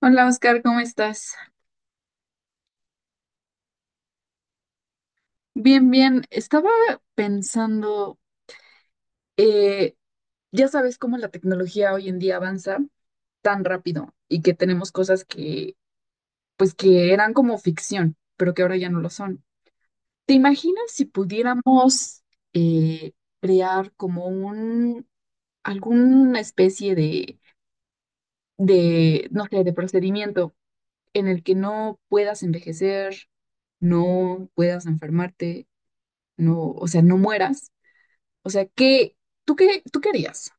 Hola Oscar, ¿cómo estás? Bien, bien. Estaba pensando, eh, ya sabes cómo la tecnología hoy en día avanza tan rápido y que tenemos cosas que, pues, que eran como ficción, pero que ahora ya no lo son. ¿Te imaginas si pudiéramos eh, crear como un, alguna especie de, no sé, de procedimiento en el que no puedas envejecer, no puedas enfermarte, no, o sea, ¿no mueras? O sea, ¿qué, tú qué harías?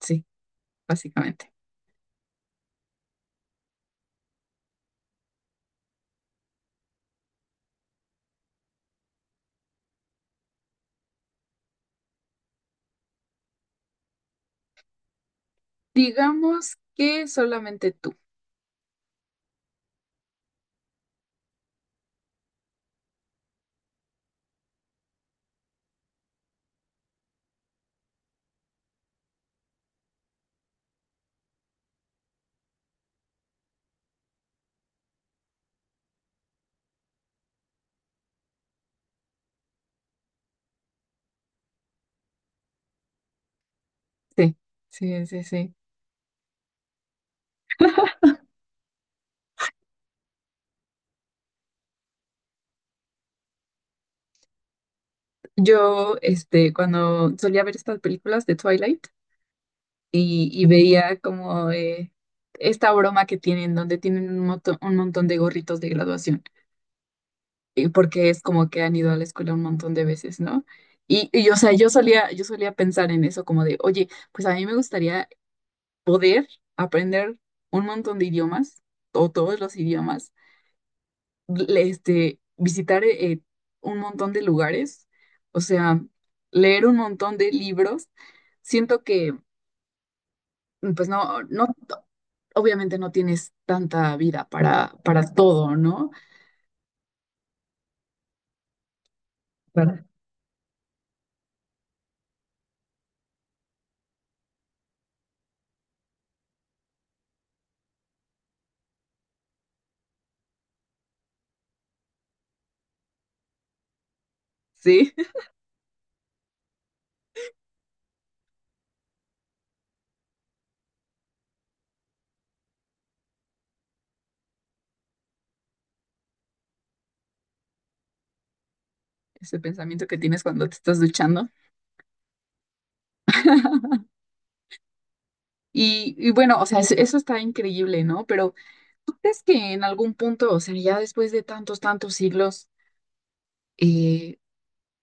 Sí, básicamente. Digamos que solamente tú. Sí, sí, sí, sí. Yo, este, cuando solía ver estas películas de Twilight y veía como esta broma que tienen, donde tienen un, un montón de gorritos de graduación, y porque es como que han ido a la escuela un montón de veces, ¿no? O sea, yo solía pensar en eso como de, oye, pues a mí me gustaría poder aprender un montón de idiomas o todos los idiomas, este, visitar un montón de lugares, o sea, leer un montón de libros. Siento que, pues no, obviamente no tienes tanta vida para todo, ¿no? Sí, ese pensamiento que tienes cuando te estás duchando. Bueno, o sea, eso está increíble, ¿no? Pero ¿tú crees que en algún punto, o sea, ya después de tantos siglos, eh,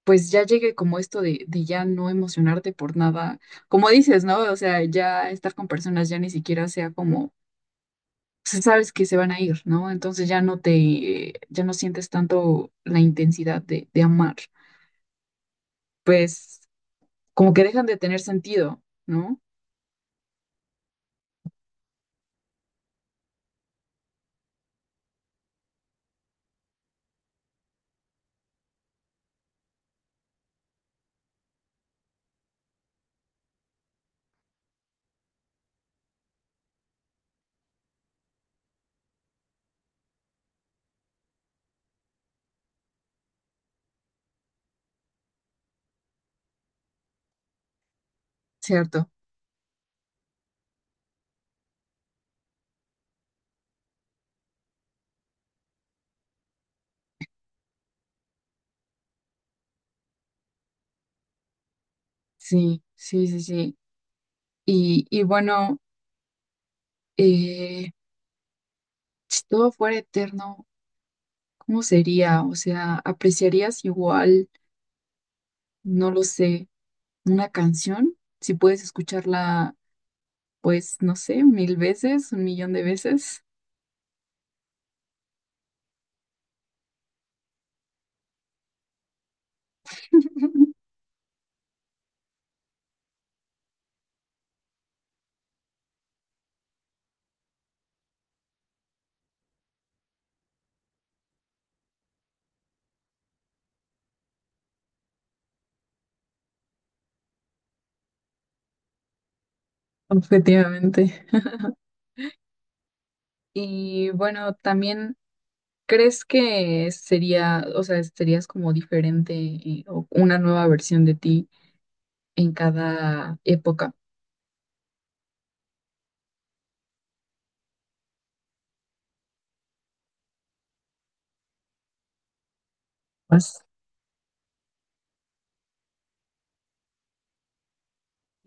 pues ya llegue como esto de ya no emocionarte por nada, como dices, ¿no? O sea, ya estar con personas ya ni siquiera sea como, pues, sabes que se van a ir, ¿no? Entonces ya no te, ya no sientes tanto la intensidad de amar, pues como que dejan de tener sentido, ¿no? Cierto, sí, sí, sí, sí. Bueno, eh, si todo fuera eterno, ¿cómo sería? O sea, ¿apreciarías igual? No lo sé una canción, si puedes escucharla, pues, no sé, mil veces, un millón de veces. Objetivamente. Y bueno, también, ¿crees que sería, o sea, serías como diferente o una nueva versión de ti en cada época? Más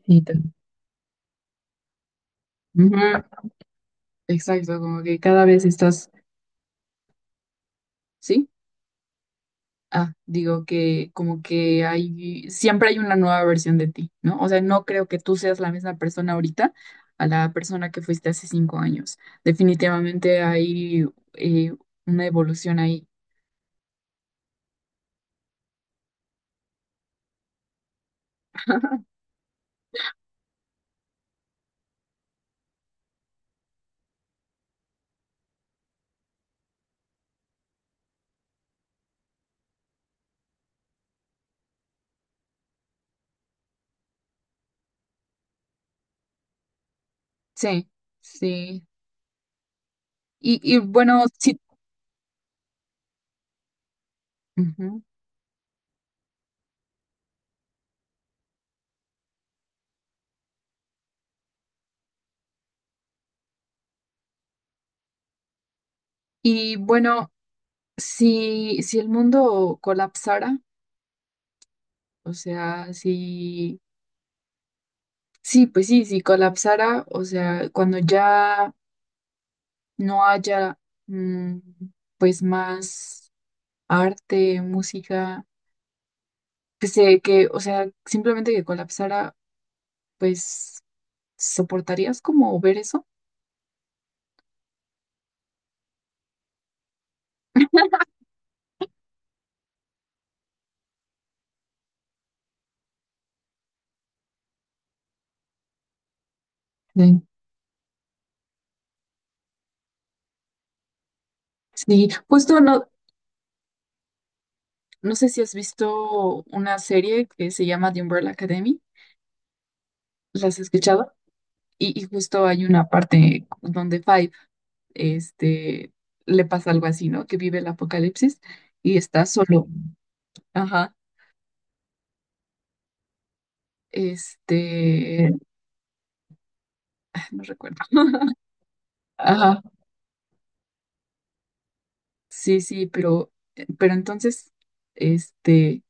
y ujú, exacto, como que cada vez estás, ¿sí? Ah, digo que como que hay, siempre hay una nueva versión de ti, ¿no? O sea, no creo que tú seas la misma persona ahorita a la persona que fuiste hace 5 años. Definitivamente hay eh, una evolución ahí. Sí, sí. Bueno, sí. Ujú. Y bueno, si el mundo colapsara, o sea, si, sí, pues sí, si colapsara, o sea, cuando ya no haya, mm, pues más arte, música, pues que, o sea, simplemente que colapsara, pues, ¿soportarías como ver eso? Sí. Sí, justo no, no sé si has visto una serie que se llama The Umbrella Academy, ¿las has escuchado? Justo hay una parte donde Five, este, le pasa algo así, ¿no? Que vive el apocalipsis y está solo. Ajá. Este, no recuerdo. Ajá. Sí, sí, pero entonces, este,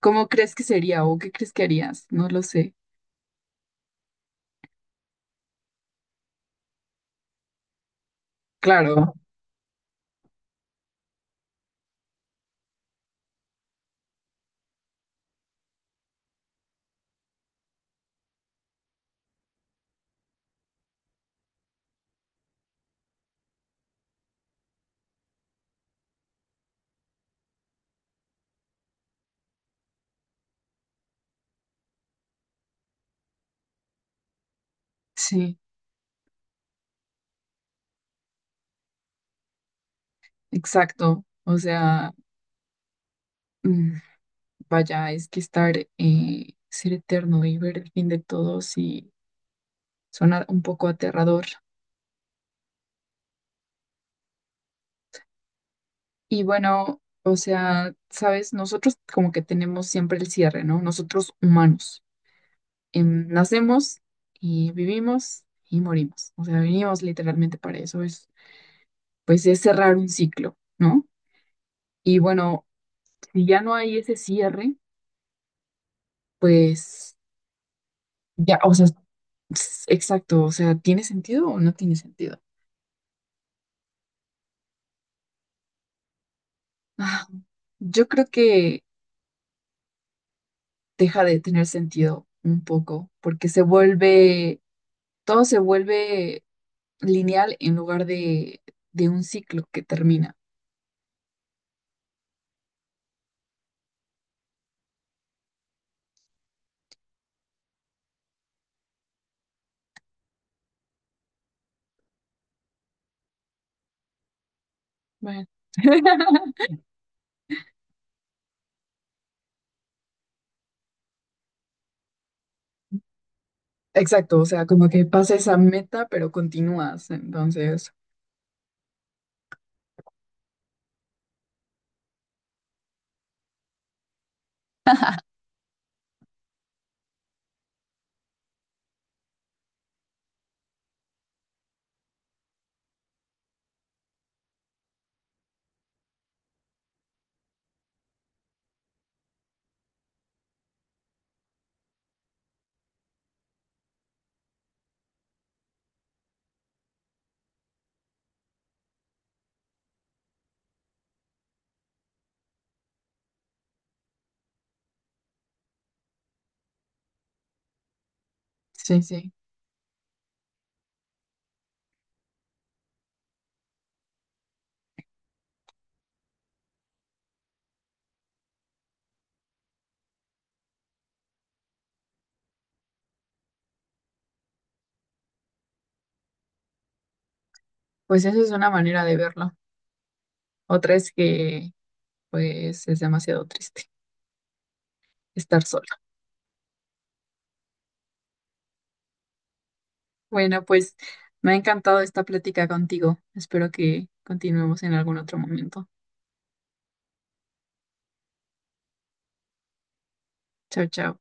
¿cómo crees que sería o qué crees que harías? No lo sé. Claro, sí, exacto. O sea, mm, vaya, es que estar, ser eterno y ver el fin de todo sí suena un poco aterrador. Y bueno, o sea, sabes, nosotros como que tenemos siempre el cierre, ¿no? Nosotros humanos, em, nacemos y vivimos y morimos. O sea, venimos literalmente para eso. Pues es cerrar un ciclo, ¿no? Y bueno, si ya no hay ese cierre, pues ya, o sea, exacto, o sea, ¿tiene sentido o no tiene sentido? Ah, yo creo que deja de tener sentido un poco, porque se vuelve, todo se vuelve lineal en lugar de un ciclo que termina. Bueno. Exacto, o sea, como que pasa esa meta, pero continúas, entonces, sí, sí, pues esa es una manera de verlo. Otra es que, pues, es demasiado triste estar sola. Bueno, pues, me ha encantado esta plática contigo. Espero que continuemos en algún otro momento. Chao, chao.